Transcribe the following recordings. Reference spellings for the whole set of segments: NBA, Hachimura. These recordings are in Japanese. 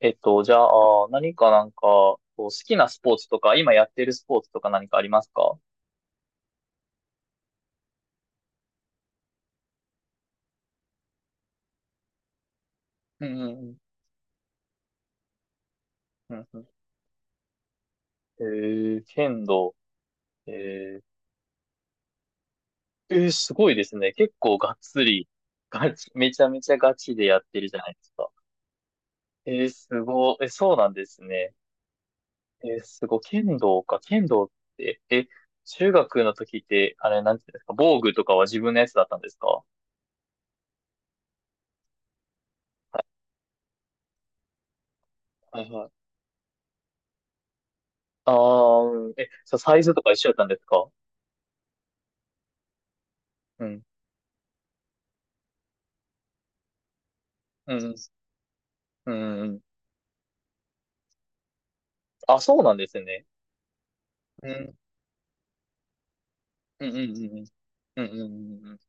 えっと、じゃあ、何かなんか、こう好きなスポーツとか、今やってるスポーツとか何かありますか？うんうんうん。うんうん。えー、剣道。えー、えーすごいですね。結構がっつり、ガチ、めちゃめちゃガチでやってるじゃないですか。えー、すごい。え、そうなんですね。えー、すごい。剣道か。剣道って、え、中学の時って、あれ、なんていうんですか、防具とかは自分のやつだったんですか？はいはい。ああ、うん、え、そうサイズとか一緒だったんですか？うん。うんうん。うんうん。あ、そうなんですね。うん。うんうんうんうん。うんうんうんうん。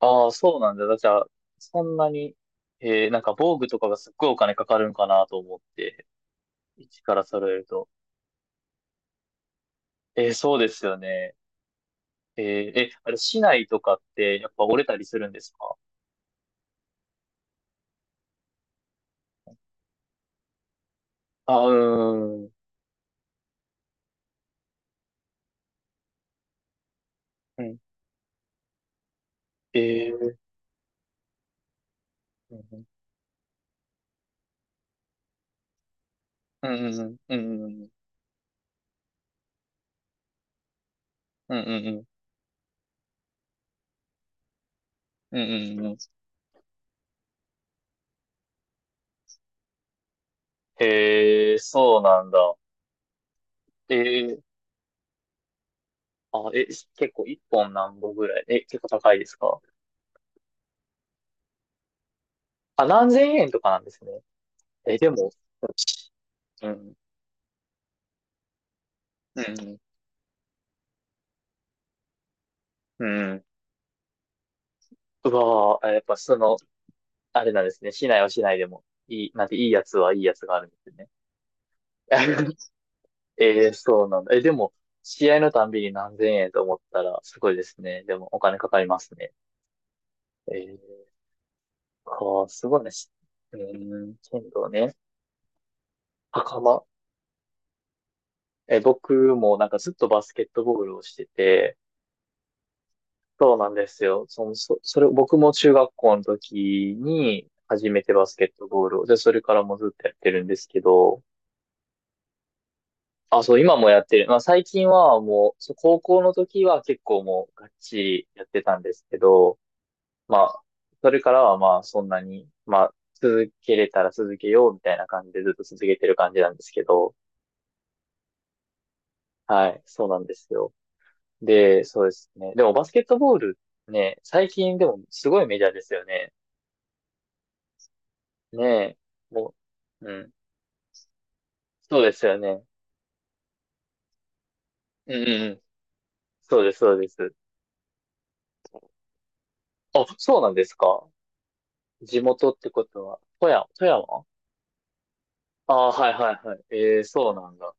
ああ、そうなんだ。じゃあ、そんなに、なんか防具とかがすっごいお金かかるんかなと思って、一から揃えると。えー、そうですよね。えー、え、あれ、市内とかってやっぱ折れたりするんですか？あ、うーん。うん。えー、うん。うんうんうんうんうんうんうんうんうんうん。へえ、そうなんだ。えー、あ、え、結構一本何本ぐらい、え、結構高いですか？あ、何千円とかなんですね。え、でも、うん、うん、うん。うわぁ、あ、やっぱその、あれなんですね。市内は市内でも、いい、なんていいやつはいいやつがあるんですね。えー、そうなんだ。え、でも、試合のたんびに何千円と思ったら、すごいですね。でも、お金かかりますね。えー、か、あ、すごいね。し、うーん、剣道ね。袴。え、僕もなんかずっとバスケットボールをしてて、そうなんですよ。その、そ、それ、僕も中学校の時に初めてバスケットボールを。で、それからもずっとやってるんですけど、あ、そう、今もやってる。まあ、最近はもう、そう高校の時は結構もうがっちりやってたんですけど、まあ、それからはまあ、そんなに、まあ、続けれたら続けようみたいな感じでずっと続けてる感じなんですけど、はい、そうなんですよ。で、そうですね。でもバスケットボールね、最近でもすごいメジャーですよね。ねえ、もう、うん。そうですよね。うんうんうん。そうです、そうです。あ、そうなんですか？地元ってことは、富山？ああはいはいはい。ええ、そうなんだ。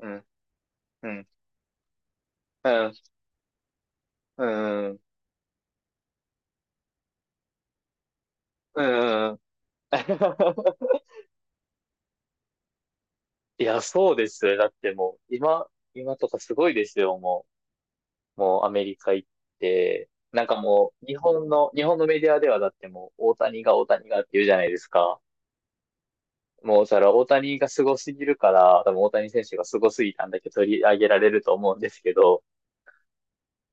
うん、うん、うん、うん、うん、うん、うん。いや、そうですよ。だってもう、今とかすごいですよ、もう。もうアメリカ行って。なんかもう、日本のメディアではだってもう、大谷がって言うじゃないですか。もう、それは大谷がすごすぎるから、多分大谷選手がすごすぎたんだけど取り上げられると思うんですけど、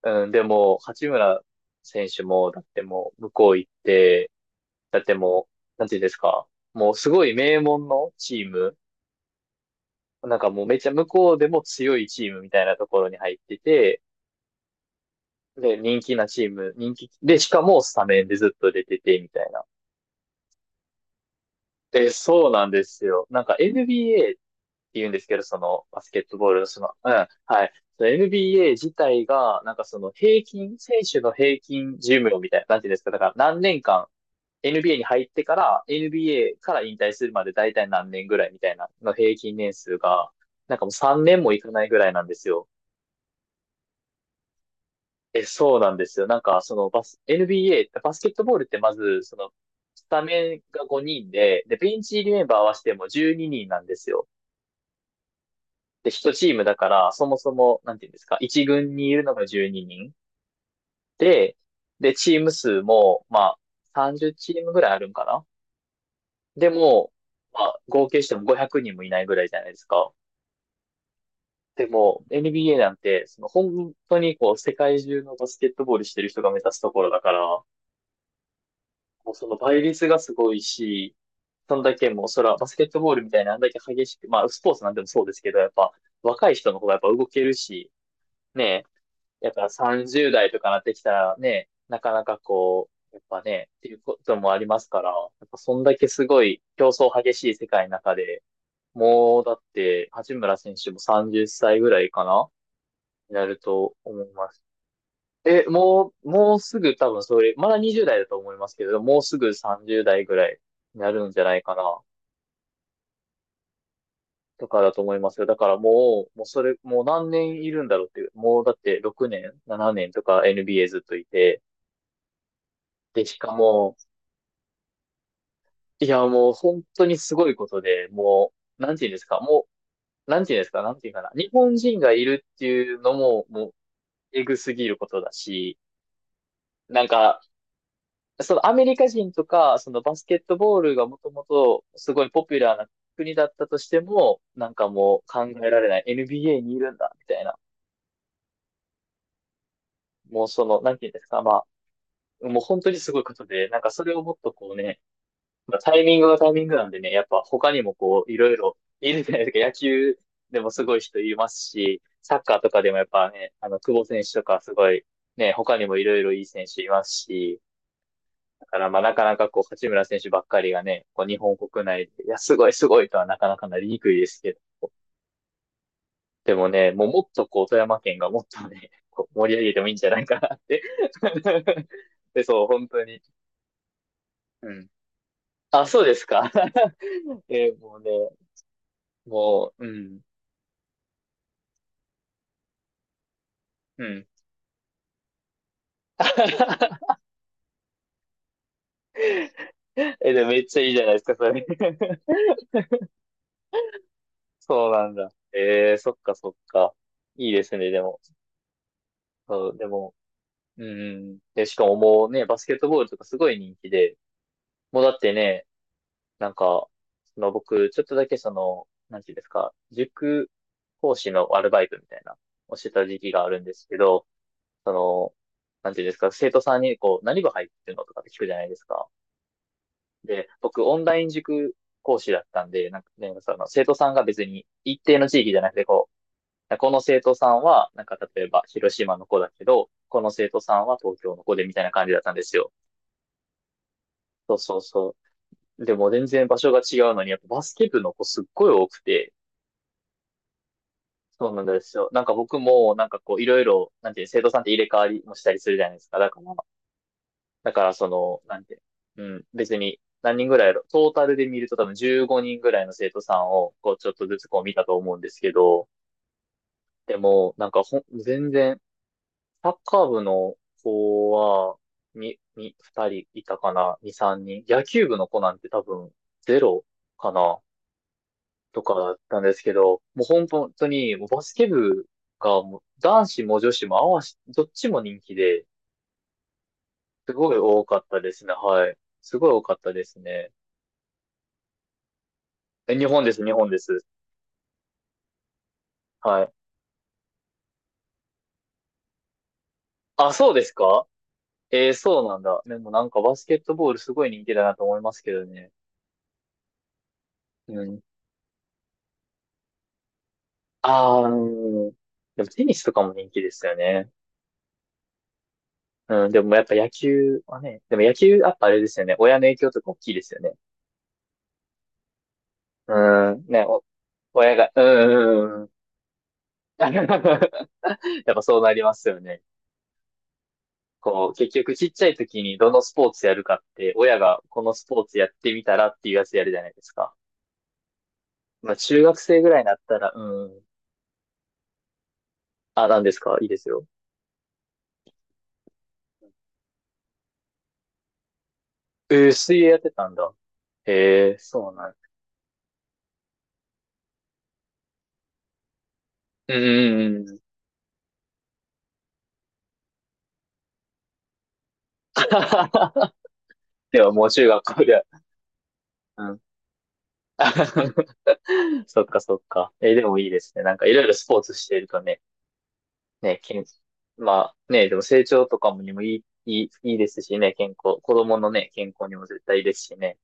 うん、でも、八村選手も、だってもう、向こう行って、だってもう、なんていうんですか、もうすごい名門のチーム、なんかもうめっちゃ向こうでも強いチームみたいなところに入ってて、で、人気なチーム、人気、で、しかもスタメンでずっと出てて、みたいな。で、そうなんですよ。なんか NBA 言うんですけど、そのバスケットボールのその、うん、はい。その NBA 自体が、なんかその平均、選手の平均寿命みたいな、なんていうんですか、だから何年間、NBA に入ってから、NBA から引退するまで大体何年ぐらいみたいな、の平均年数が、なんかもう3年もいかないぐらいなんですよ。え、そうなんですよ。なんか、そのバス、NBA、バスケットボールってまず、その、スタメンが5人で、で、ベンチ入りメンバー合わせても12人なんですよ。で、一チームだから、そもそも、なんていうんですか、一軍にいるのが12人で、で、チーム数も、まあ、30チームぐらいあるんかな？でも、まあ、合計しても500人もいないぐらいじゃないですか。でも、NBA なんて、その本当にこう、世界中のバスケットボールしてる人が目指すところだから、もうその倍率がすごいし、そんだけもう、そら、バスケットボールみたいなあんだけ激しく、まあ、スポーツなんでもそうですけど、やっぱ、若い人の方がやっぱ動けるし、ね、やっぱ30代とかなってきたらね、なかなかこう、やっぱね、っていうこともありますから、やっぱそんだけすごい競争激しい世界の中で、もうだって八村選手も30歳ぐらいかな、になると思います。え、もう、もうすぐ多分それ、まだ20代だと思いますけど、もうすぐ30代ぐらいになるんじゃないかな、とかだと思いますよ。だからもう、もうそれ、もう何年いるんだろうっていう、もうだって6年、7年とか NBA ずっといて、で、しかも、いや、もう本当にすごいことで、もう、なんて言うんですか、もう、なんて言うんですか、なんて言うかな。日本人がいるっていうのも、もう、えぐすぎることだし、なんか、そのアメリカ人とか、そのバスケットボールがもともとすごいポピュラーな国だったとしても、なんかもう考えられない NBA にいるんだ、みたいな。もうその、なんて言うんですか、まあ、もう本当にすごいことで、なんかそれをもっとこうね、まあ、タイミングがタイミングなんでね、やっぱ他にもこう、いろいろいるじゃないですか。野球でもすごい人いますし、サッカーとかでもやっぱね、久保選手とかすごい、ね、他にもいろいろいい選手いますし、だからまあなかなかこう、八村選手ばっかりがね、こう、日本国内で、いや、すごいすごいとはなかなかなりにくいですけど、でもね、もうもっとこう、富山県がもっとね、こう盛り上げてもいいんじゃないかなって。で、そう、本当に。うん。あ、そうですか。え、もうね、もう、うん。うん。 え、でもめっちゃいいじゃないですか、それ。そうなんだ。えー、そっかそっか。いいですね、でも。そう、でも、うん。で、しかももうね、バスケットボールとかすごい人気で、もうだってね、なんか、その僕、ちょっとだけその、なんていうんですか、塾講師のアルバイトみたいな、をしてた時期があるんですけど、その、なんていうんですか、生徒さんにこう、何部入ってるのとかって聞くじゃないですか。で、僕、オンライン塾講師だったんで、なんかね、その生徒さんが別に一定の地域じゃなくて、こう、この生徒さんは、なんか例えば広島の子だけど、この生徒さんは東京の子でみたいな感じだったんですよ。そうそうそう。でも全然場所が違うのに、やっぱバスケ部の子すっごい多くて、そうなんですよ。なんか僕も、なんかこう、いろいろ、なんていう、生徒さんって入れ替わりもしたりするじゃないですか。だから、だからその、なんて、うん、別に何人ぐらいやろ、トータルで見ると多分15人ぐらいの生徒さんを、こう、ちょっとずつこう見たと思うんですけど、でも、なんかほん、全然、サッカー部の子は、二人いたかな、二、三人。野球部の子なんて多分、ゼロかな、とかだったんですけど、もう本当に、もうバスケ部が、もう男子も女子も合わし、どっちも人気で、すごい多かったですね、はい。すごい多かったですね。え、日本です、日本です。はい。あ、そうですか。えー、そうなんだ。でもなんかバスケットボールすごい人気だなと思いますけどね。うん。ああ、うん。でもテニスとかも人気ですよね。うん、でもやっぱ野球はね、でも野球やっぱあれですよね。親の影響とか大きいですよね。うん、ね、お、親が、うん、うん、うん。やっぱそうなりますよね。こう、結局ちっちゃい時にどのスポーツやるかって、親がこのスポーツやってみたらっていうやつやるじゃないですか。まあ中学生ぐらいになったら、うん、あ、なんですかいいですよ。えー、水泳やってたんだ。へえ、そうなん。うんうんうん。ではもう中学校では。うん。そっかそっか。えー、でもいいですね。なんかいろいろスポーツしているとね、ね、健、まあね、でも成長とかもにもいい、いい、いいですしね、健康、子供のね、健康にも絶対いいですしね。